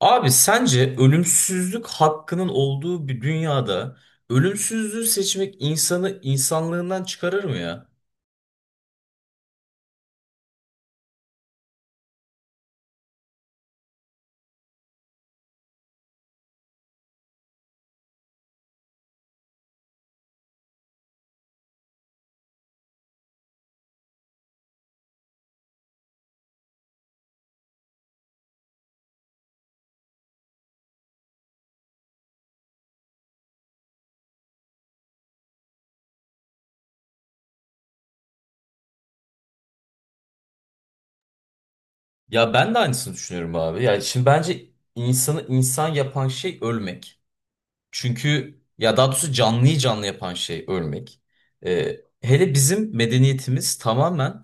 Abi sence ölümsüzlük hakkının olduğu bir dünyada ölümsüzlüğü seçmek insanı insanlığından çıkarır mı ya? Ya ben de aynısını düşünüyorum abi. Yani şimdi bence insanı insan yapan şey ölmek. Çünkü ya daha doğrusu canlıyı canlı yapan şey ölmek. Ee, Hele bizim medeniyetimiz tamamen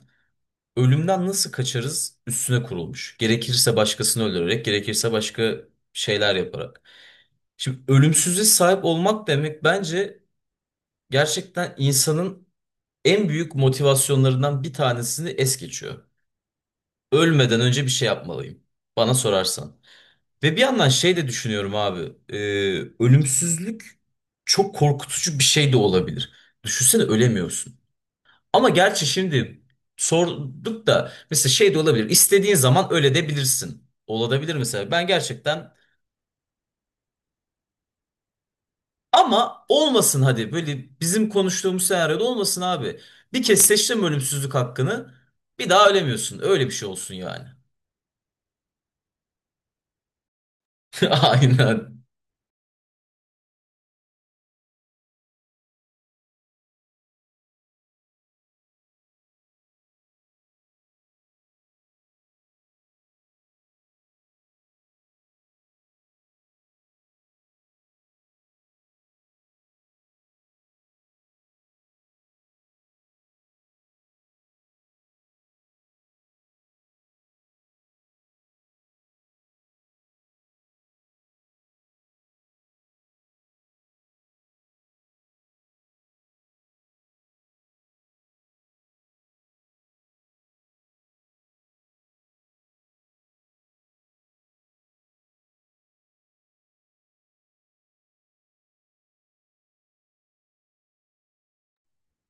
ölümden nasıl kaçarız üstüne kurulmuş. Gerekirse başkasını öldürerek, gerekirse başka şeyler yaparak. Şimdi ölümsüzlüğe sahip olmak demek bence gerçekten insanın en büyük motivasyonlarından bir tanesini es geçiyor. Ölmeden önce bir şey yapmalıyım. Bana sorarsan. Ve bir yandan şey de düşünüyorum abi. Ölümsüzlük çok korkutucu bir şey de olabilir. Düşünsene ölemiyorsun. Ama gerçi şimdi sorduk da mesela şey de olabilir. İstediğin zaman öyle de bilirsin. Olabilir mesela. Ben gerçekten ama olmasın, hadi böyle bizim konuştuğumuz senaryoda olmasın abi. Bir kez seçtim ölümsüzlük hakkını, bir daha ölemiyorsun. Öyle bir şey olsun yani. Aynen.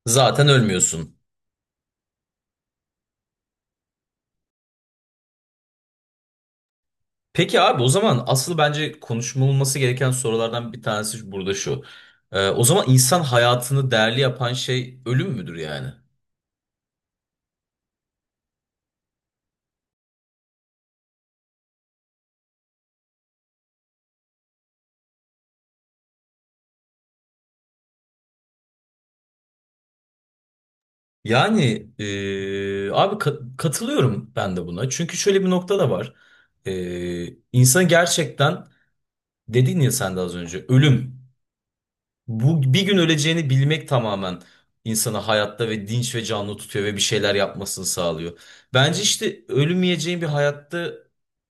Zaten ölmüyorsun. Peki abi, o zaman asıl bence konuşulması gereken sorulardan bir tanesi burada şu. O zaman insan hayatını değerli yapan şey ölüm müdür yani? Yani abi, katılıyorum ben de buna. Çünkü şöyle bir nokta da var. Ee, insan gerçekten, dedin ya sen de az önce, ölüm. Bu bir gün öleceğini bilmek tamamen insanı hayatta ve dinç ve canlı tutuyor ve bir şeyler yapmasını sağlıyor. Bence işte ölmeyeceğin bir hayatta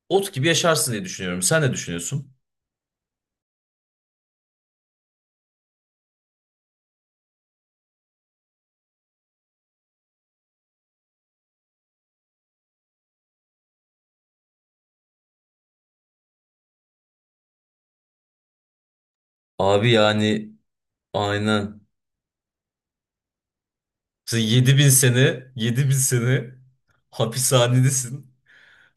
ot gibi yaşarsın diye düşünüyorum. Sen ne düşünüyorsun? Abi yani aynen. Sen 7000 sene, 7000 sene hapishanedesin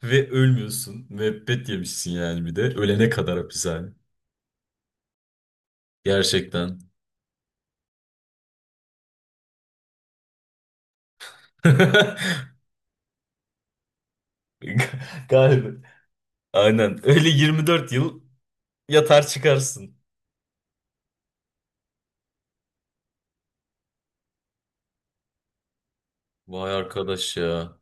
ve ölmüyorsun. Müebbet yemişsin yani bir de. Ölene kadar hapishane. Gerçekten. Galiba. Aynen. Öyle 24 yıl yatar çıkarsın. Vay arkadaş ya.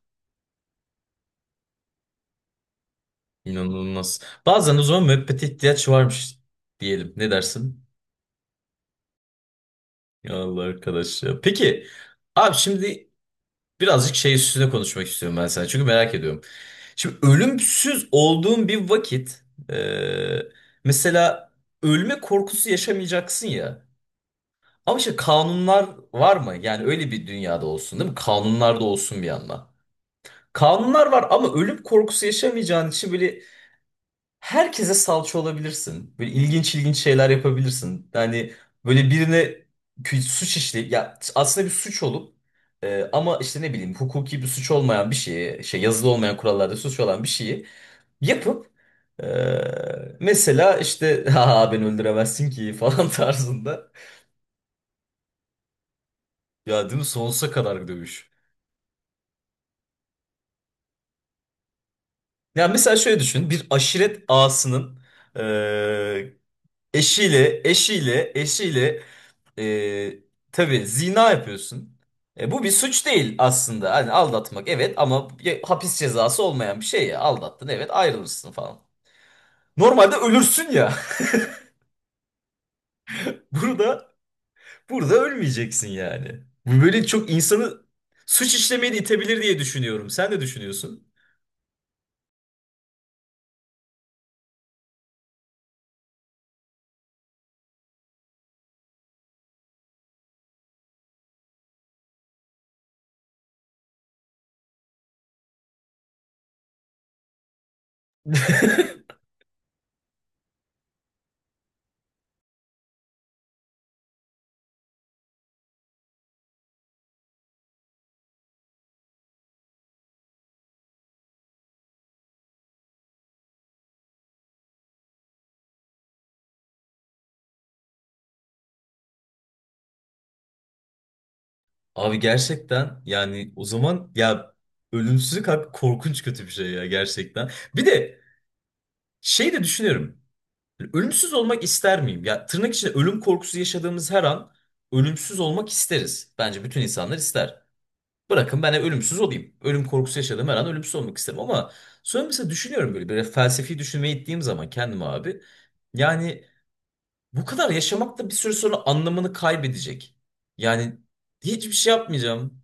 İnanılmaz. Bazen o zaman müebbete ihtiyaç varmış, diyelim. Ne dersin? Ya Allah arkadaş ya. Peki abi, şimdi birazcık şey üstüne konuşmak istiyorum ben sana. Çünkü merak ediyorum. Şimdi ölümsüz olduğun bir vakit, e, mesela, ölme korkusu yaşamayacaksın ya. Ama işte kanunlar var mı? Yani öyle bir dünyada olsun değil mi? Kanunlar da olsun bir yandan. Kanunlar var ama ölüm korkusu yaşamayacağın için böyle herkese salça olabilirsin. Böyle ilginç ilginç şeyler yapabilirsin. Yani böyle birine suç işleyip, ya aslında bir suç olup ama işte ne bileyim, hukuki bir suç olmayan bir şeyi, şey, yazılı olmayan kurallarda suç olan bir şeyi yapıp e, mesela işte ha beni öldüremezsin ki falan tarzında. Ya değil mi, sonsuza kadar bir dövüş. Ya mesela şöyle düşün, bir aşiret ağasının e, eşiyle. E, tabii zina yapıyorsun. E, bu bir suç değil aslında. Hani aldatmak evet ama hapis cezası olmayan bir şey ya. Aldattın, evet, ayrılırsın falan. Normalde ölürsün ya. Burada burada ölmeyeceksin yani. Bu böyle çok insanı suç işlemeye de itebilir diye düşünüyorum. Sen de düşünüyorsun. Abi gerçekten yani, o zaman ya, ölümsüzlük abi korkunç kötü bir şey ya gerçekten. Bir de şey de düşünüyorum. Ölümsüz olmak ister miyim? Ya tırnak içinde, ölüm korkusu yaşadığımız her an ölümsüz olmak isteriz. Bence bütün insanlar ister. Bırakın ben de ölümsüz olayım. Ölüm korkusu yaşadığım her an ölümsüz olmak isterim ama sonra mesela düşünüyorum böyle, böyle felsefi düşünmeye gittiğim zaman kendime abi. Yani bu kadar yaşamak da bir süre sonra anlamını kaybedecek. Yani hiçbir şey yapmayacağım.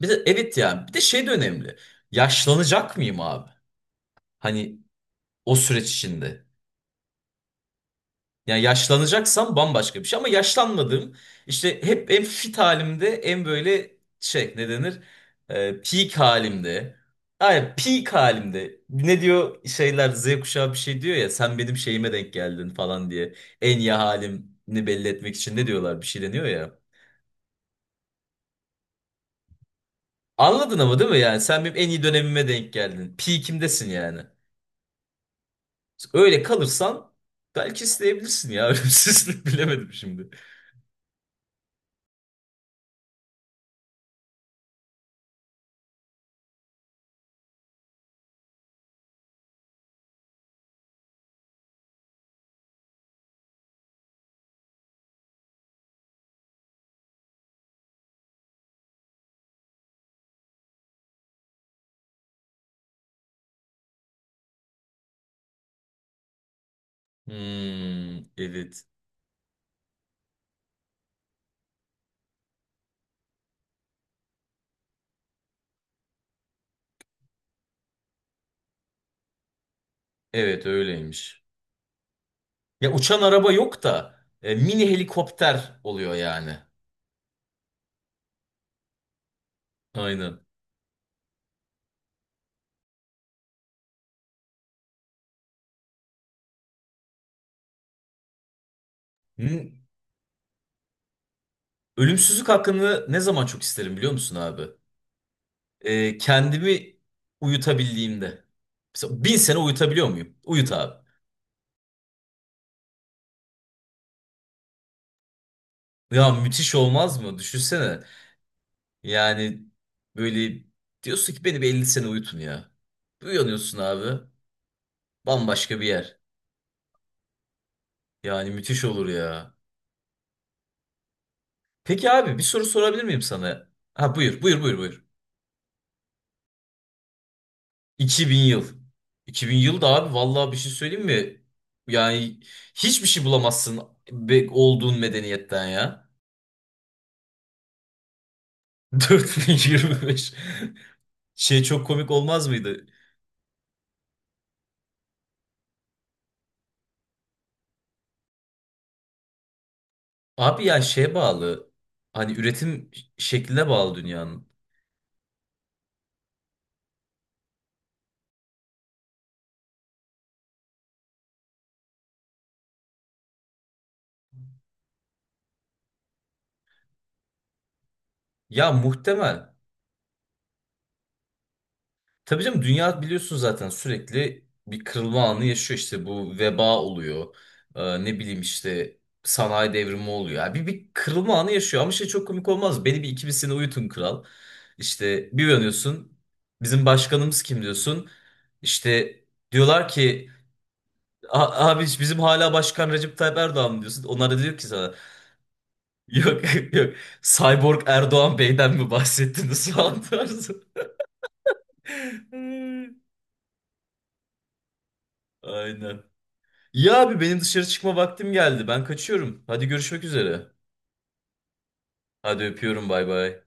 Bir de evet yani, bir de şey de önemli. Yaşlanacak mıyım abi? Hani o süreç içinde. Yani yaşlanacaksam bambaşka bir şey ama yaşlanmadığım, işte hep en fit halimde, en böyle şey ne denir, peak halimde. Ay, peak halimde. Ne diyor şeyler, Z kuşağı bir şey diyor ya, sen benim şeyime denk geldin falan diye. En iyi halimini belli etmek için ne diyorlar, bir şey deniyor ya. Anladın ama değil mi, yani sen benim en iyi dönemime denk geldin. Peak'imdesin yani. Öyle kalırsan belki isteyebilirsin ya. Ölümsüzlük bilemedim şimdi. Hmm, evet. Evet öyleymiş. Ya uçan araba yok da mini helikopter oluyor yani. Aynen. Hı. Ölümsüzlük hakkını ne zaman çok isterim biliyor musun abi? E, kendimi uyutabildiğimde. Mesela bin sene uyutabiliyor muyum? Uyut abi. Ya müthiş olmaz mı? Düşünsene. Yani böyle diyorsun ki beni bir 50 sene uyutun ya. Uyanıyorsun abi. Bambaşka bir yer. Yani müthiş olur ya. Peki abi bir soru sorabilir miyim sana? Ha buyur buyur buyur buyur. 2000 yıl. 2000 yıl da abi, vallahi bir şey söyleyeyim mi? Yani hiçbir şey bulamazsın olduğun medeniyetten ya. 4025. Şey, çok komik olmaz mıydı? Abi ya şeye bağlı. Hani üretim şekline bağlı dünyanın. Ya muhtemel. Tabii canım, dünya biliyorsun zaten sürekli bir kırılma anı yaşıyor, işte bu veba oluyor. Ne bileyim işte sanayi devrimi oluyor. Yani bir kırılma anı yaşıyor ama şey, çok komik olmaz mı? Beni bir iki bir sene uyutun kral. İşte bir uyanıyorsun, bizim başkanımız kim diyorsun. İşte diyorlar ki, abi bizim hala başkan Recep Tayyip Erdoğan mı" diyorsun. Onlar da diyor ki sana, "Yok, yok, Cyborg Erdoğan Bey'den mi bahsettiniz" falan tarzı. Aynen. Ya abi benim dışarı çıkma vaktim geldi. Ben kaçıyorum. Hadi görüşmek üzere. Hadi öpüyorum, bay bay.